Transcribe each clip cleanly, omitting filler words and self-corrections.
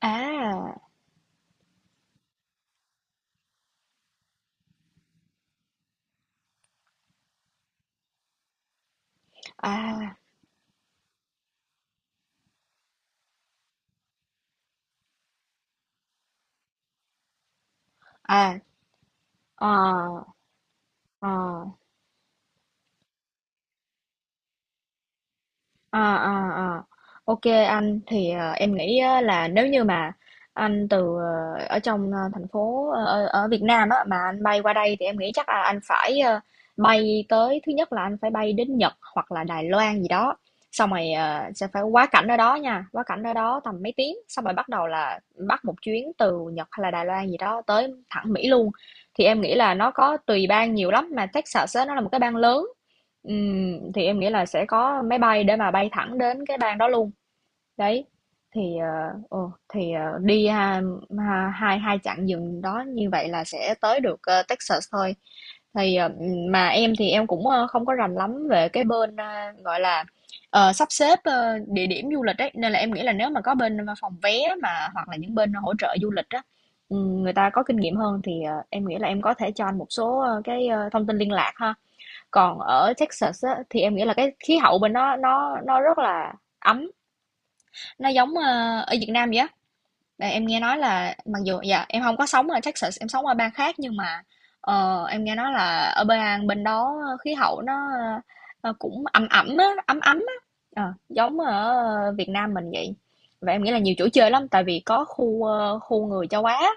À, à, à, ờ, ờ. À, à, à. Ok, anh thì em nghĩ á, là nếu như mà anh từ ở trong thành phố ở Việt Nam á, mà anh bay qua đây thì em nghĩ chắc là anh phải bay tới. Thứ nhất là anh phải bay đến Nhật hoặc là Đài Loan gì đó, xong rồi sẽ phải quá cảnh ở đó nha, quá cảnh ở đó tầm mấy tiếng, xong rồi bắt đầu là bắt một chuyến từ Nhật hay là Đài Loan gì đó tới thẳng Mỹ luôn. Thì em nghĩ là nó có tùy bang nhiều lắm, mà Texas á, nó là một cái bang lớn. Thì em nghĩ là sẽ có máy bay để mà bay thẳng đến cái bang đó luôn. Đấy. Thì ờ, ồ, thì ờ, đi ha, ha, hai hai chặng dừng đó như vậy là sẽ tới được Texas thôi. Thì ờ, mà em thì em cũng không có rành lắm về cái bên gọi là sắp xếp địa điểm du lịch ấy, nên là em nghĩ là nếu mà có bên phòng vé, mà hoặc là những bên hỗ trợ du lịch á, người ta có kinh nghiệm hơn thì em nghĩ là em có thể cho anh một số thông tin liên lạc ha. Còn ở Texas á, thì em nghĩ là cái khí hậu bên đó nó rất là ấm, nó giống, ờ, ở Việt Nam vậy á. Và em nghe nói là mặc dù dạ em không có sống ở Texas, em sống ở bang khác, nhưng mà em nghe nói là ở bang bên đó khí hậu nó cũng ẩm ẩm á, ấm ấm á. Ờ, giống ở Việt Nam mình vậy. Và em nghĩ là nhiều chỗ chơi lắm, tại vì có khu khu người châu Á.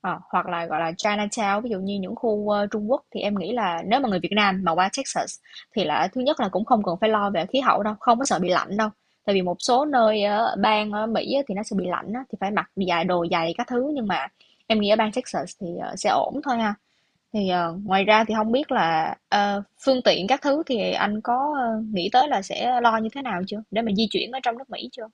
Ờ, hoặc là, gọi là, Chinatown, ví dụ như những khu, ơ, Trung Quốc, thì em nghĩ là nếu mà người Việt Nam mà qua Texas thì là thứ nhất là cũng không cần phải lo về khí hậu đâu, không có sợ bị lạnh đâu. Tại vì một số nơi ở bang ở Mỹ á thì nó sẽ bị lạnh á, thì phải mặc dài đồ dày các thứ, nhưng mà em nghĩ ở bang Texas thì, ờ, sẽ ổn thôi ha. Thì, ờ, ngoài ra thì không biết là, ờ, phương tiện các thứ thì anh có, ơ, nghĩ tới là sẽ lo như thế nào chưa? Để mà di chuyển ở trong nước Mỹ chưa?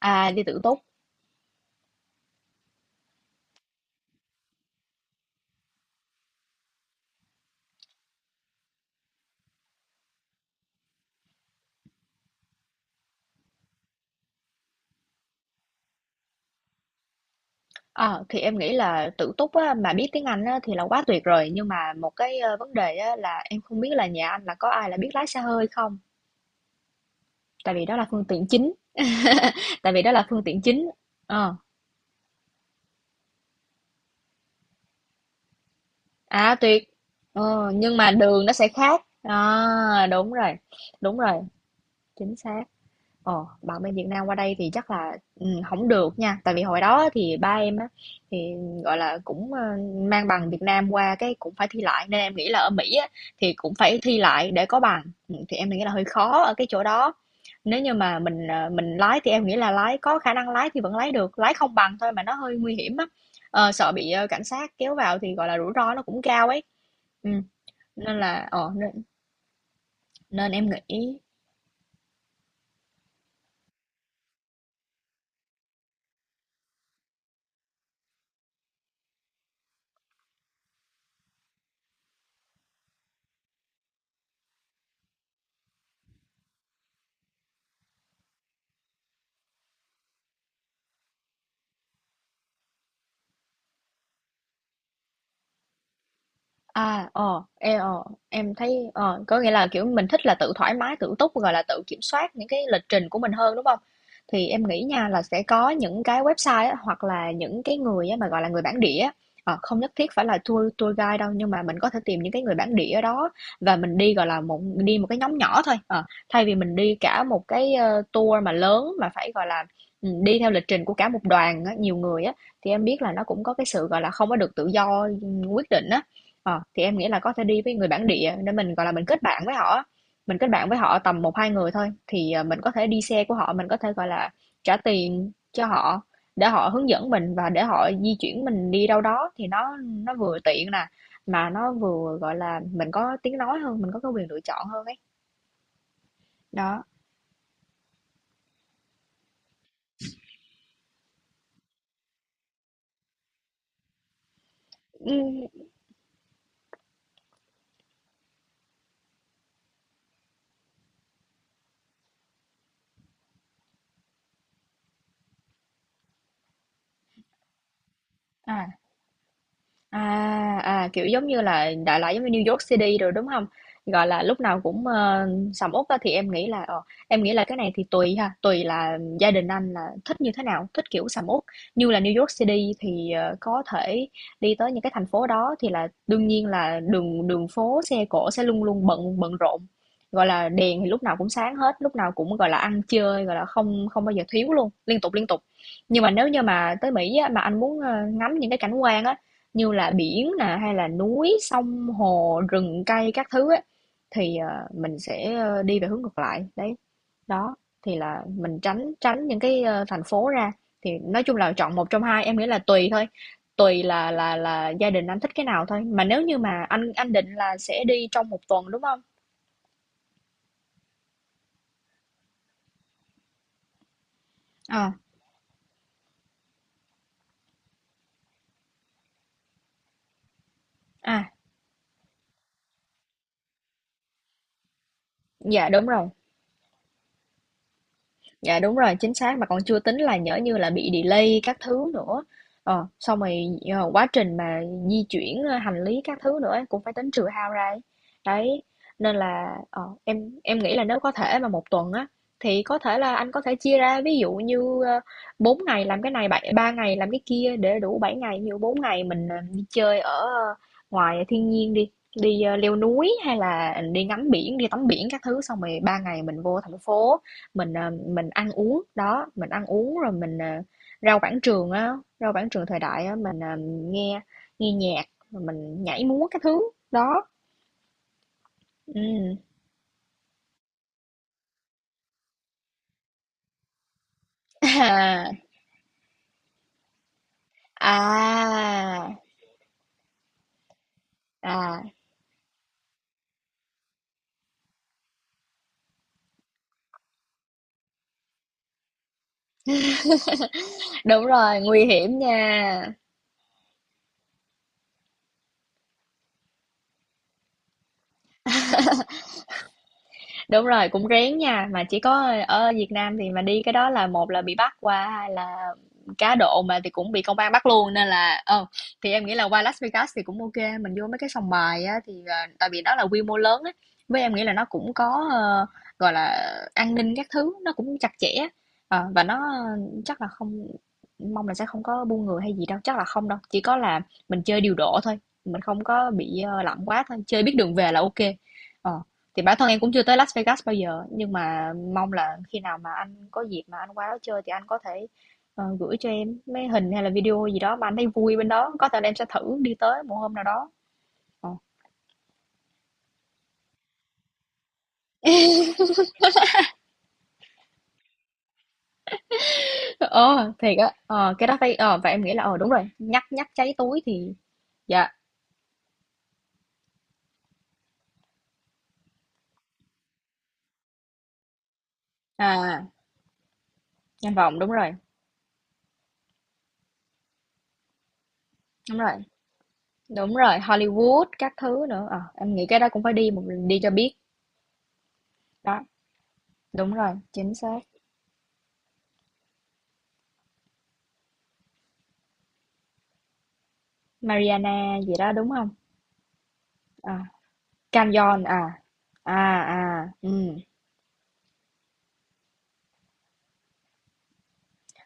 À, đi tự túc. Ờ, thì em nghĩ là tự túc á, mà biết tiếng Anh á, thì là quá tuyệt rồi, nhưng mà một cái vấn đề á, là em không biết là nhà anh là có ai là biết lái xe hơi không, tại vì đó là phương tiện chính. Tại vì đó là phương tiện chính. Ờ, à tuyệt. Ờ, nhưng mà đường nó sẽ khác à, đúng rồi. Đúng rồi, chính xác. Ờ, bạn bên Việt Nam qua đây thì chắc là ừ, không được nha, tại vì hồi đó thì ba em á thì gọi là cũng mang bằng Việt Nam qua, cái cũng phải thi lại, nên em nghĩ là ở Mỹ á thì cũng phải thi lại để có bằng. Ừ, thì em nghĩ là hơi khó ở cái chỗ đó. Nếu như mà mình mình lái thì em nghĩ là lái có khả năng lái thì vẫn lái được, lái không bằng thôi mà nó hơi nguy hiểm á. Ờ, sợ bị cảnh sát kéo vào thì gọi là rủi ro nó cũng cao ấy, ừ. Nên là nên em nghĩ. À, ờ, em, em thấy có nghĩa là, kiểu, mình thích là tự thoải mái, tự túc, gọi là, tự kiểm soát những cái lịch trình của mình hơn, đúng không? Thì em nghĩ nha là sẽ có những cái website á, hoặc là những cái người á mà, gọi là, người bản địa á, ờ, không nhất thiết phải là tour tour guide đâu, nhưng mà mình có thể tìm những cái người bản địa ở đó và mình đi, gọi là, một cái nhóm nhỏ thôi, ờ, thay vì mình đi cả một cái, ơ, tour mà lớn mà phải, gọi là, đi theo lịch trình của cả một đoàn á, nhiều người á, thì em biết là nó cũng có cái sự, gọi là, không có được tự do, quyết định á. Ờ, thì em nghĩ là có thể đi với người bản địa để mình gọi là mình kết bạn với họ, mình kết bạn với họ tầm một hai người thôi, thì mình có thể đi xe của họ, mình có thể gọi là trả tiền cho họ để họ hướng dẫn mình và để họ di chuyển mình đi đâu đó, thì nó vừa tiện nè, mà nó vừa gọi là mình có tiếng nói hơn, mình có cái quyền lựa chọn hơn ấy. Đó. Ừ, à. À, à, kiểu giống như là đại loại giống như New York City rồi, đúng không? Gọi là, lúc nào cũng, ờ, sầm uất á, thì em nghĩ là, em nghĩ là cái này thì tùy ha, tùy là gia đình anh là thích như thế nào, thích kiểu sầm uất. Như là New York City thì, ờ, có thể đi tới những cái thành phố đó thì là đương nhiên là đường đường phố, xe cộ sẽ luôn luôn bận bận rộn, gọi là, đèn thì lúc nào cũng sáng hết, lúc nào cũng, gọi là, ăn chơi, gọi là, không không bao giờ thiếu luôn, liên tục, liên tục. Nhưng mà nếu như mà tới Mỹ á, mà anh muốn, ơ, ngắm những cái cảnh quan á, như là biển nè, hay là núi, sông, hồ, rừng cây các thứ ấy, thì, ờ, mình sẽ, ơ, đi về hướng ngược lại, đấy. Đó, thì là mình tránh tránh những cái, ơ, thành phố ra, thì nói chung là chọn một trong hai, em nghĩ là tùy thôi, tùy là là gia đình anh thích cái nào thôi. Mà nếu như mà anh định là sẽ đi trong một tuần, đúng không? À, à, dạ, đúng rồi. Dạ, đúng rồi, chính xác, mà còn chưa tính là nhỡ như là bị delay các thứ nữa. Ờ, xong rồi, ờ, quá trình mà di chuyển, ơ, hành lý các thứ nữa ấy, cũng phải tính trừ hao ra ấy. Đấy, nên là, ờ, em nghĩ là nếu có thể mà một tuần á, thì có thể là anh có thể chia ra, ví dụ như, ơ, 4 ngày làm cái này, bảy 3 ngày làm cái kia để đủ 7 ngày. Ví dụ 4 ngày mình, ờ, đi chơi ở ờ, ngoài thiên nhiên đi, đi, ơ, leo núi hay là đi ngắm biển, đi tắm biển các thứ, xong rồi 3 ngày mình vô thành phố, mình, ờ, mình ăn uống, đó, mình ăn uống rồi mình, ờ, rau Quảng Trường á, rau Quảng Trường thời đại á, mình, ờ, nghe nghe nhạc, rồi mình nhảy múa cái thứ, đó, ừm. À, à, à, đúng rồi, nguy hiểm nha. Đúng rồi, cũng rén nha, mà chỉ có ở Việt Nam thì mà đi cái đó là một là bị bắt qua, hai là cá độ mà thì cũng bị công an bắt luôn, nên là ờ thì em nghĩ là qua Las Vegas thì cũng ok, mình vô mấy cái sòng bài á thì tại vì đó là quy mô lớn á, với em nghĩ là nó cũng có gọi là an ninh các thứ nó cũng chặt chẽ. Ờ, và nó chắc là không, mong là sẽ không có buôn người hay gì đâu, chắc là không đâu, chỉ có là mình chơi điều độ thôi, mình không có bị lặng quá thôi, chơi biết đường về là ok. Ờ thì bản thân em cũng chưa tới Las Vegas bao giờ, nhưng mà mong là khi nào mà anh có dịp mà anh qua đó chơi thì anh có thể gửi cho em mấy hình hay là video gì đó mà anh thấy vui bên đó, có thể là em sẽ thử đi tới một hôm nào đó. Ờ, ờ thiệt á, ờ, cái đó phải, ờ, và em nghĩ là, ờ đúng rồi, nhắc nhắc cháy túi thì, dạ, à, danh vọng đúng rồi, đúng rồi, đúng rồi, Hollywood các thứ nữa, ờ, em nghĩ cái đó cũng phải đi cho biết, đó, đúng rồi, chính xác, Mariana gì đó đúng không? Ờ Canyon à. À, à, ừm,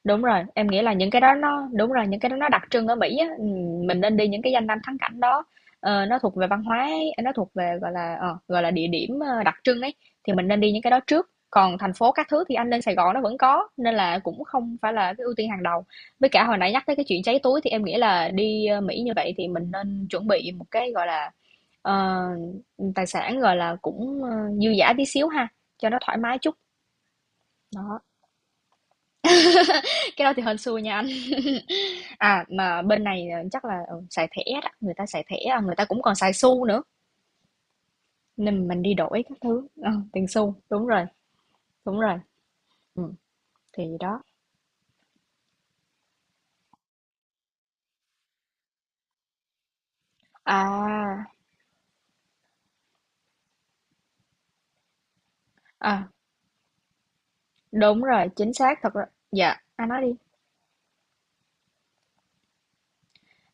đúng rồi, em nghĩ là những cái đó nó những cái đó nó đặc trưng ở Mỹ á, mình nên đi những cái danh lam thắng cảnh đó. Ờ, nó thuộc về văn hóa ấy, nó thuộc về gọi là gọi là địa điểm đặc trưng ấy thì mình nên đi những cái đó trước. Còn thành phố các thứ thì anh lên Sài Gòn nó vẫn có nên là cũng không phải là cái ưu tiên hàng đầu. Với cả hồi nãy nhắc tới cái chuyện cháy túi thì em nghĩ là đi Mỹ như vậy thì mình nên chuẩn bị một cái gọi là ờ, tài sản gọi là cũng dư dả tí xíu ha, cho nó thoải mái chút. Đó. Cái đó thì hên xui nha anh. À, mà bên này, ờ, chắc là, ừ, xài thẻ đó, người ta xài thẻ, à, người ta cũng còn xài xu nữa, nên mình đi đổi các thứ, ờ, tiền xu, đúng rồi, ừm, thì đó. À, à, đúng rồi, chính xác, thật ra dạ, anh nói đi.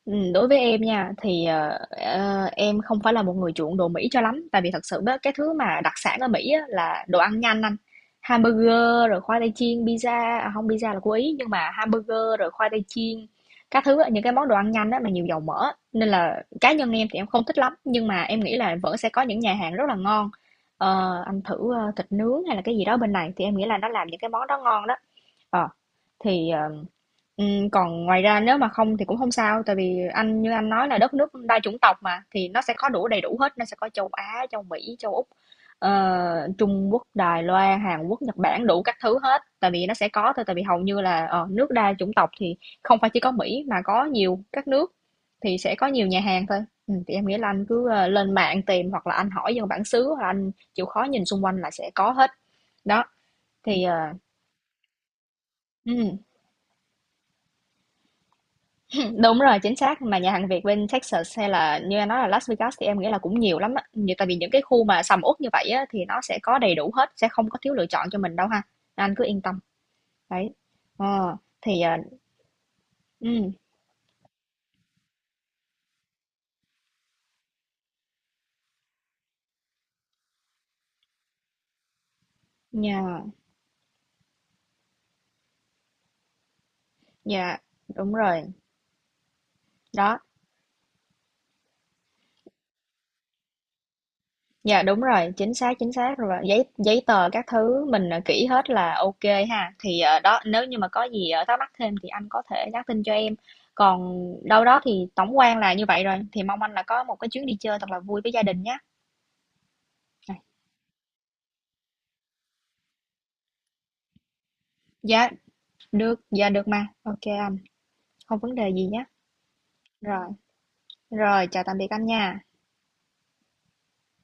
Đối với em nha, thì, em không phải là một người chuộng đồ Mỹ cho lắm, tại vì thật sự á, cái thứ mà đặc sản ở Mỹ á, là đồ ăn nhanh anh. Hamburger rồi khoai tây chiên, pizza à, hông, pizza là của Ý, nhưng mà hamburger rồi khoai tây chiên, các thứ á, những cái món đồ ăn nhanh á, mà nhiều dầu mỡ á, nên là cá nhân em thì em không thích lắm, nhưng mà em nghĩ là vẫn sẽ có những nhà hàng rất là ngon. Ờ, anh thử, ơ, thịt nướng hay là cái gì đó bên này thì em nghĩ là nó làm những cái món đó ngon đó. Ờ, thì, ờ còn ngoài ra nếu mà không thì cũng không sao, tại vì anh như anh nói là đất nước đa chủng tộc mà, thì nó sẽ có đầy đủ hết, nó sẽ có châu Á, châu Mỹ, châu Úc, ờ, Trung Quốc, Đài Loan, Hàn Quốc, Nhật Bản, đủ các thứ hết, tại vì nó sẽ có thôi, tại vì hầu như là, ờ, nước đa chủng tộc thì không phải chỉ có Mỹ mà có nhiều các nước thì sẽ có nhiều nhà hàng thôi. Thì em nghĩ là anh cứ, ơ, lên mạng tìm hoặc là anh hỏi dân bản xứ hoặc là anh chịu khó nhìn xung quanh là sẽ có hết. Đó, thì, ờ ừm. Đúng rồi, chính xác, mà nhà hàng Việt bên Texas hay là như anh nói là Las Vegas thì em nghĩ là cũng nhiều lắm á. Như tại vì những cái khu mà sầm uất như vậy á thì nó sẽ có đầy đủ hết, sẽ không có thiếu lựa chọn cho mình đâu ha. Anh cứ yên tâm. Đấy. Ờ thì uh, ừ, nhà nhà đúng rồi. Đó, dạ đúng rồi, chính xác rồi. Giấy giấy tờ các thứ mình, ờ, kỹ hết là ok ha. Thì, ờ, đó, nếu như mà có gì, ờ, thắc mắc thêm thì anh có thể nhắn tin cho em. Còn đâu đó thì tổng quan là như vậy rồi, thì mong anh là có một cái chuyến đi chơi thật là vui với gia đình nhé. Dạ, dạ được mà. Ok anh, không vấn đề gì nhé. Rồi, rồi chào tạm biệt anh nha.